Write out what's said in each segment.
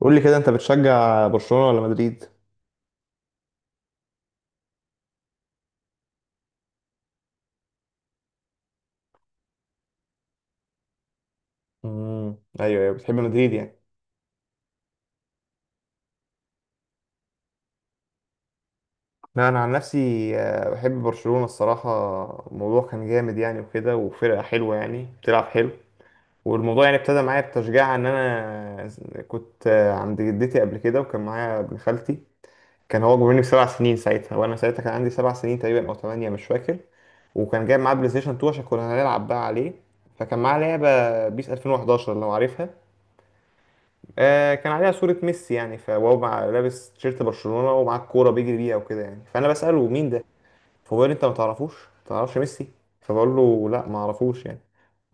قول لي كده، انت بتشجع برشلونة ولا مدريد؟ امم ايوه ايوه، بتحب مدريد يعني. لا، انا عن نفسي بحب برشلونة الصراحة. الموضوع كان جامد يعني وكده، وفرقة حلوة يعني بتلعب حلو. والموضوع يعني ابتدى معايا بتشجيع ان انا كنت عند جدتي قبل كده، وكان معايا ابن خالتي. كان هو اكبر مني بسبع سنين ساعتها، وانا ساعتها كان عندي سبع سنين تقريبا او ثمانية مش فاكر. وكان جايب معاه بلاي ستيشن 2 عشان كنا هنلعب بقى عليه. فكان معاه لعبة بيس 2011 لو عارفها. آه، كان عليها صورة ميسي يعني، فهو مع لابس تيشيرت برشلونة ومعاه الكورة بيجري بيها وكده يعني، فأنا بسأله: مين ده؟ فبيقول لي: أنت ما تعرفوش؟ ما تعرفش ميسي؟ فبقول له: لا، ما أعرفوش يعني.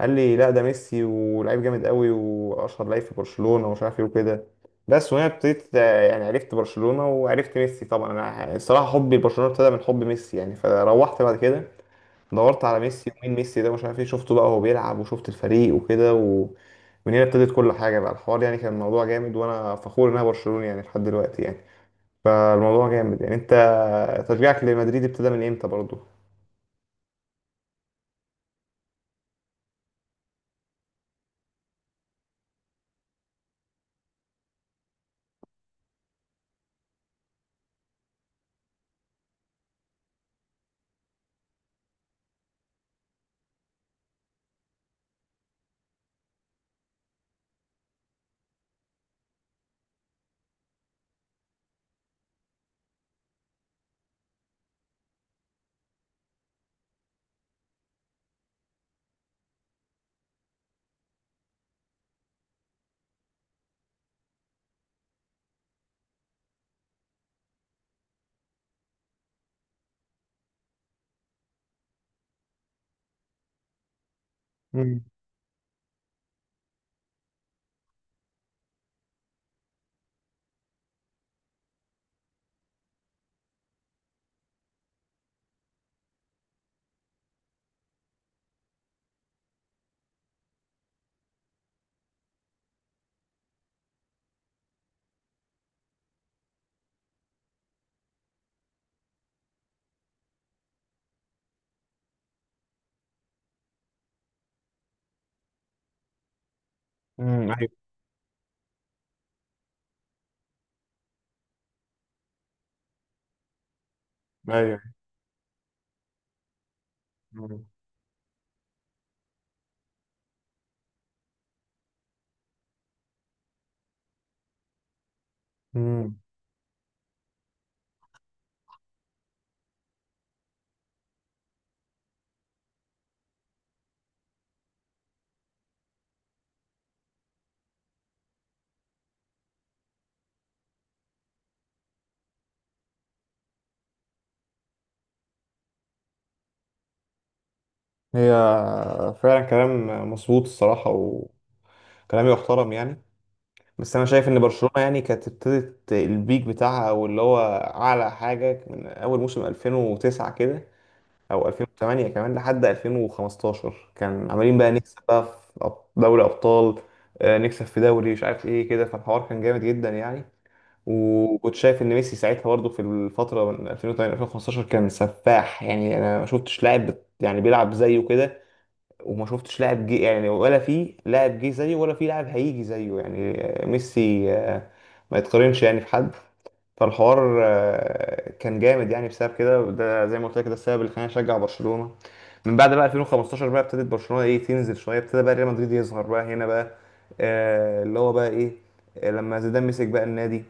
قال لي: لا، ده ميسي ولعيب جامد قوي وأشهر لعيب في برشلونة ومش عارف إيه وكده. بس وهنا ابتديت يعني عرفت برشلونة وعرفت ميسي. طبعا أنا الصراحة حبي لبرشلونة ابتدى من حب ميسي يعني. فروحت بعد كده دورت على ميسي ومين ميسي ده مش عارف ايه، شفته بقى وهو بيلعب وشفت الفريق وكده و... ومن هنا ابتدت كل حاجة بقى الحوار يعني، كان الموضوع جامد وانا فخور ان انا برشلوني يعني لحد دلوقتي يعني. فالموضوع جامد يعني. انت تشجيعك لمدريد ابتدى من امتى برضو؟ امم ايوه ايوه. مم. مم. هي، فعلا كلام مظبوط الصراحة، وكلام يحترم يعني. بس أنا شايف إن برشلونة يعني كانت ابتدت البيك بتاعها، أو اللي هو أعلى حاجة، من أول موسم 2009 كده او 2008، كمان لحد 2015 كان عمالين بقى نكسب بقى في أب- دوري ابطال، نكسب في دوري مش عارف ايه كده. فالحوار كان جامد جدا يعني. وكنت شايف ان ميسي ساعتها برضه في الفتره من 2008 2015 كان سفاح يعني. انا ما شفتش لاعب بت- يعني بيلعب زيه كده، وما شفتش لاعب جه يعني، ولا في لاعب جه زيه ولا في لاعب هيجي زيه يعني. ميسي ما يتقارنش يعني في حد. فالحوار كان جامد يعني بسبب كده، وده زي ما قلت لك ده السبب اللي خلاني اشجع برشلونه. من بعد بقى 2015 بقى ابتدت برشلونه ايه تنزل شويه، ابتدى بقى ريال مدريد يظهر بقى هنا بقى، آه اللي هو بقى ايه، لما زيدان مسك بقى النادي.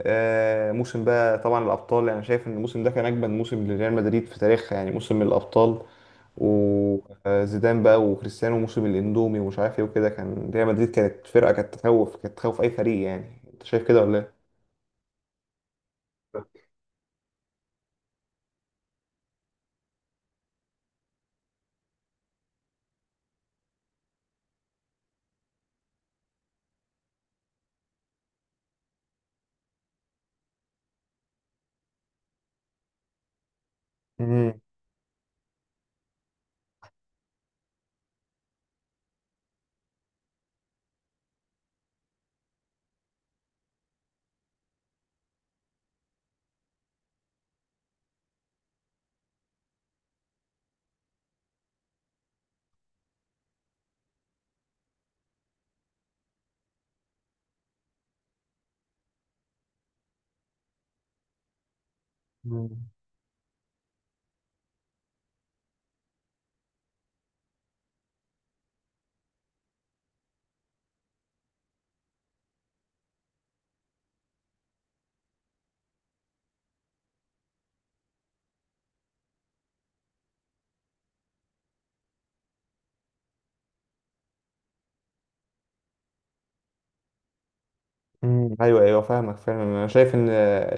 آه موسم بقى طبعا الابطال، يعني شايف ان الموسم ده كان اجمد موسم لريال مدريد في تاريخها يعني، موسم الابطال. وزيدان بقى وكريستيانو موسم الاندومي ومش عارف ايه وكده، كان ريال مدريد كانت فرقه كانت تخوف اي فريق يعني. انت شايف كده ولا ايه؟ مم. مم. ايوه ايوه فاهمك فاهم. انا شايف ان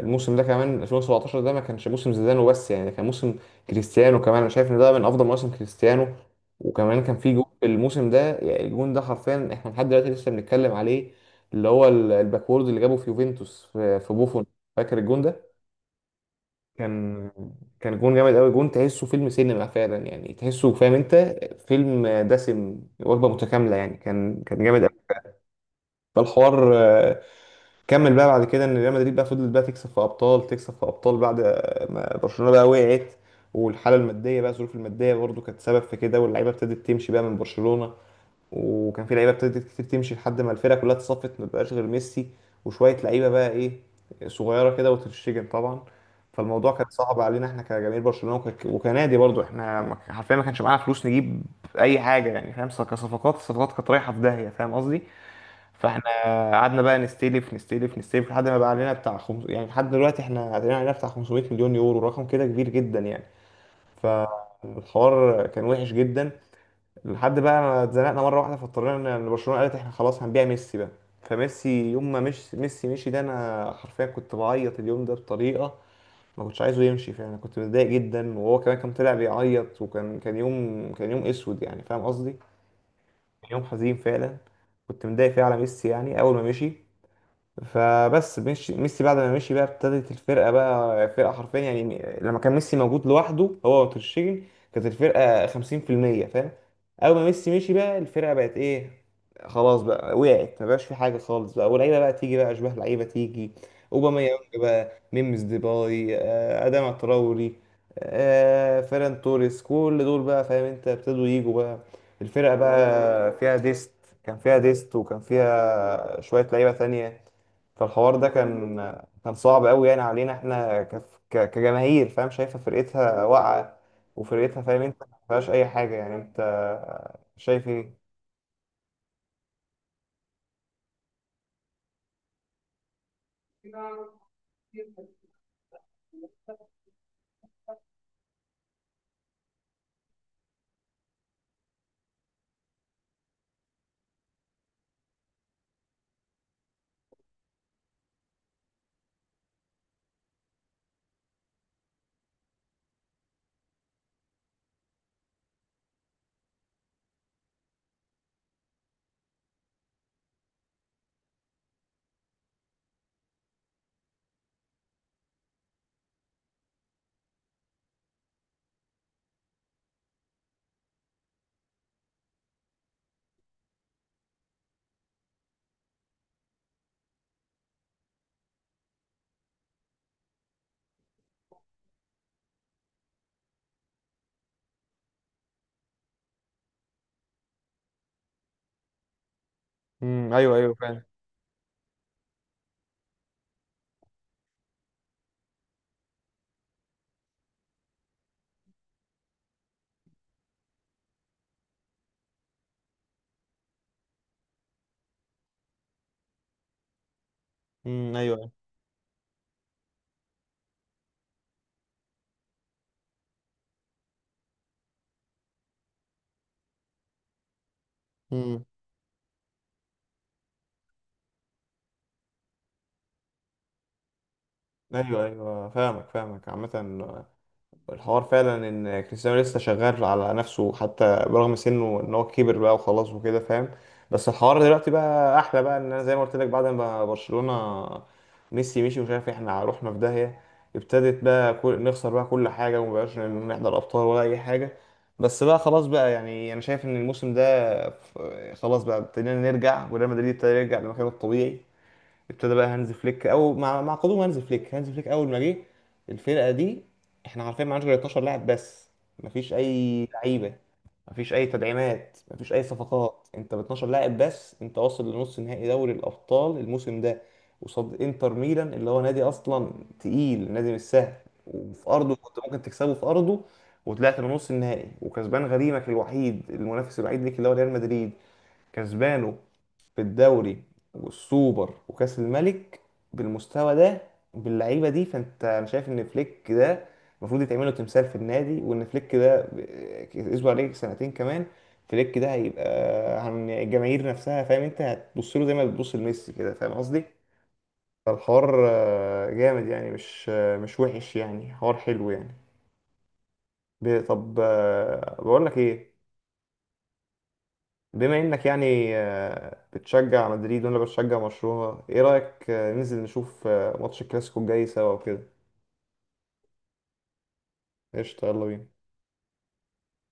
الموسم ده كمان 2017 ده ما كانش موسم زيدان وبس، يعني كان موسم كريستيانو كمان. انا شايف ان ده من افضل مواسم كريستيانو. وكمان كان في جون في الموسم ده، يعني الجون ده حرفيا احنا لحد دلوقتي لسه بنتكلم عليه. اللي هو ال- الباكورد اللي جابه في يوفنتوس في بوفون. فاكر الجون ده؟ كان كان جون جامد قوي. جون تحسه فيلم سينما فعلا يعني، تحسه فاهم انت، فيلم دسم وجبه متكامله يعني. كان جامد قوي. فالحوار كمل بقى بعد كده ان ريال مدريد بقى فضلت بقى تكسب في ابطال تكسب في ابطال، بعد ما برشلونه بقى وقعت. والحاله الماديه بقى الظروف الماديه برضو كانت سبب في كده، واللعيبه ابتدت تمشي بقى من برشلونه. وكان في لعيبه ابتدت كتير تمشي لحد ما الفرقه كلها اتصفت ما بقاش غير ميسي وشويه لعيبه بقى ايه صغيره كده، وتتشجن طبعا. فالموضوع كان صعب علينا احنا كجماهير برشلونه، وكنادي برضو. احنا حرفيا ما كانش معانا فلوس نجيب اي حاجه يعني، فاهم، كصفقات، الصفقات كانت رايحه في داهيه فاهم قصدي. فاحنا قعدنا بقى نستلف لحد ما بقى علينا بتاع خمس... يعني لحد دلوقتي احنا علينا بتاع 500 مليون يورو، رقم كده كبير جدا يعني. فالحوار كان وحش جدا لحد بقى ما اتزنقنا مره واحده، فاضطرينا ان برشلونه قالت احنا خلاص هنبيع ميسي بقى. فميسي يوم ما مش ميسي مشي ده، انا حرفيا كنت بعيط اليوم ده بطريقه. ما كنتش عايزه يمشي فعلا، انا كنت متضايق جدا، وهو كمان كان طلع بيعيط. وكان كان يوم كان يوم اسود يعني، فاهم قصدي. كان يوم حزين فعلا. كنت متضايق فيه على ميسي يعني اول ما مشي. فبس مشي ميسي، بعد ما مشي بقى ابتدت الفرقه بقى فرقه حرفيا يعني. لما كان ميسي موجود لوحده هو وترشيجن كانت الفرقه 50%، فاهم. اول ما ميسي مشي بقى الفرقه بقت ايه، خلاص بقى وقعت، ما بقاش في حاجه خالص بقى. واللعيبه بقى تيجي بقى اشباه لعيبه تيجي، اوباميانج بقى، ميمز، ديباي، اداما تراوري، فيران توريس، كل دول بقى فاهم انت ابتدوا يجوا بقى. الفرقه بقى فيها ديست، كان فيها ديست وكان فيها شويه لعيبه تانية. فالحوار ده كان، كان صعب قوي يعني علينا احنا كجماهير، فاهم، شايفه فرقتها واقعه، وفرقتها فاهم انت ما فيهاش اي حاجه يعني. انت شايف ايه؟ ايوه ايوه فعلا. ايوه ايوه. امم ايوه ايوه فاهمك عامه. الحوار فعلا ان كريستيانو لسه شغال على نفسه، حتى برغم سنه ان هو كبر بقى وخلاص وكده، فاهم. بس الحوار دلوقتي بقى احلى بقى، ان انا زي ما قلت لك بعد ما برشلونة ميسي مشي ومش عارف إيه، احنا رحنا في داهية. ابتدت بقى كل... نخسر بقى كل حاجة ومبقاش نحضر ابطال ولا اي حاجة. بس بقى خلاص بقى يعني انا شايف ان الموسم ده ف-، خلاص بقى ابتدينا نرجع، وريال مدريد ابتدى يرجع لمكانه الطبيعي. ابتدى بقى هانز فليك، او مع قدوم هانز فليك. هانز فليك اول ما جه الفرقه دي، احنا عارفين معناش غير 12 لاعب بس، مفيش اي لعيبه، مفيش اي تدعيمات، مفيش اي صفقات. انت ب 12 لاعب بس انت واصل لنص نهائي دوري الابطال الموسم ده، قصاد انتر ميلان اللي هو نادي اصلا تقيل، نادي مش سهل. وفي ارضه كنت ممكن تكسبه في ارضه، وطلعت لنص النهائي وكسبان غريمك الوحيد المنافس الوحيد ليك اللي هو ريال مدريد، كسبانه في الدوري والسوبر وكأس الملك. بالمستوى ده، باللعيبه دي، فانت انا شايف ان فليك ده المفروض يتعمل له تمثال في النادي. وان فليك ده اسبوع عليه سنتين كمان، فليك ده هيبقى عن الجماهير نفسها، فاهم انت، هتبص له زي ما بتبص لميسي كده فاهم قصدي. فالحوار جامد يعني، مش مش وحش يعني، حوار حلو يعني. ب- طب بقول لك ايه، بما انك يعني بتشجع مدريد وانا بشجع برشلونة، ايه رأيك ننزل نشوف ماتش الكلاسيكو الجاي سوا وكده؟ قشطة، يلا بينا.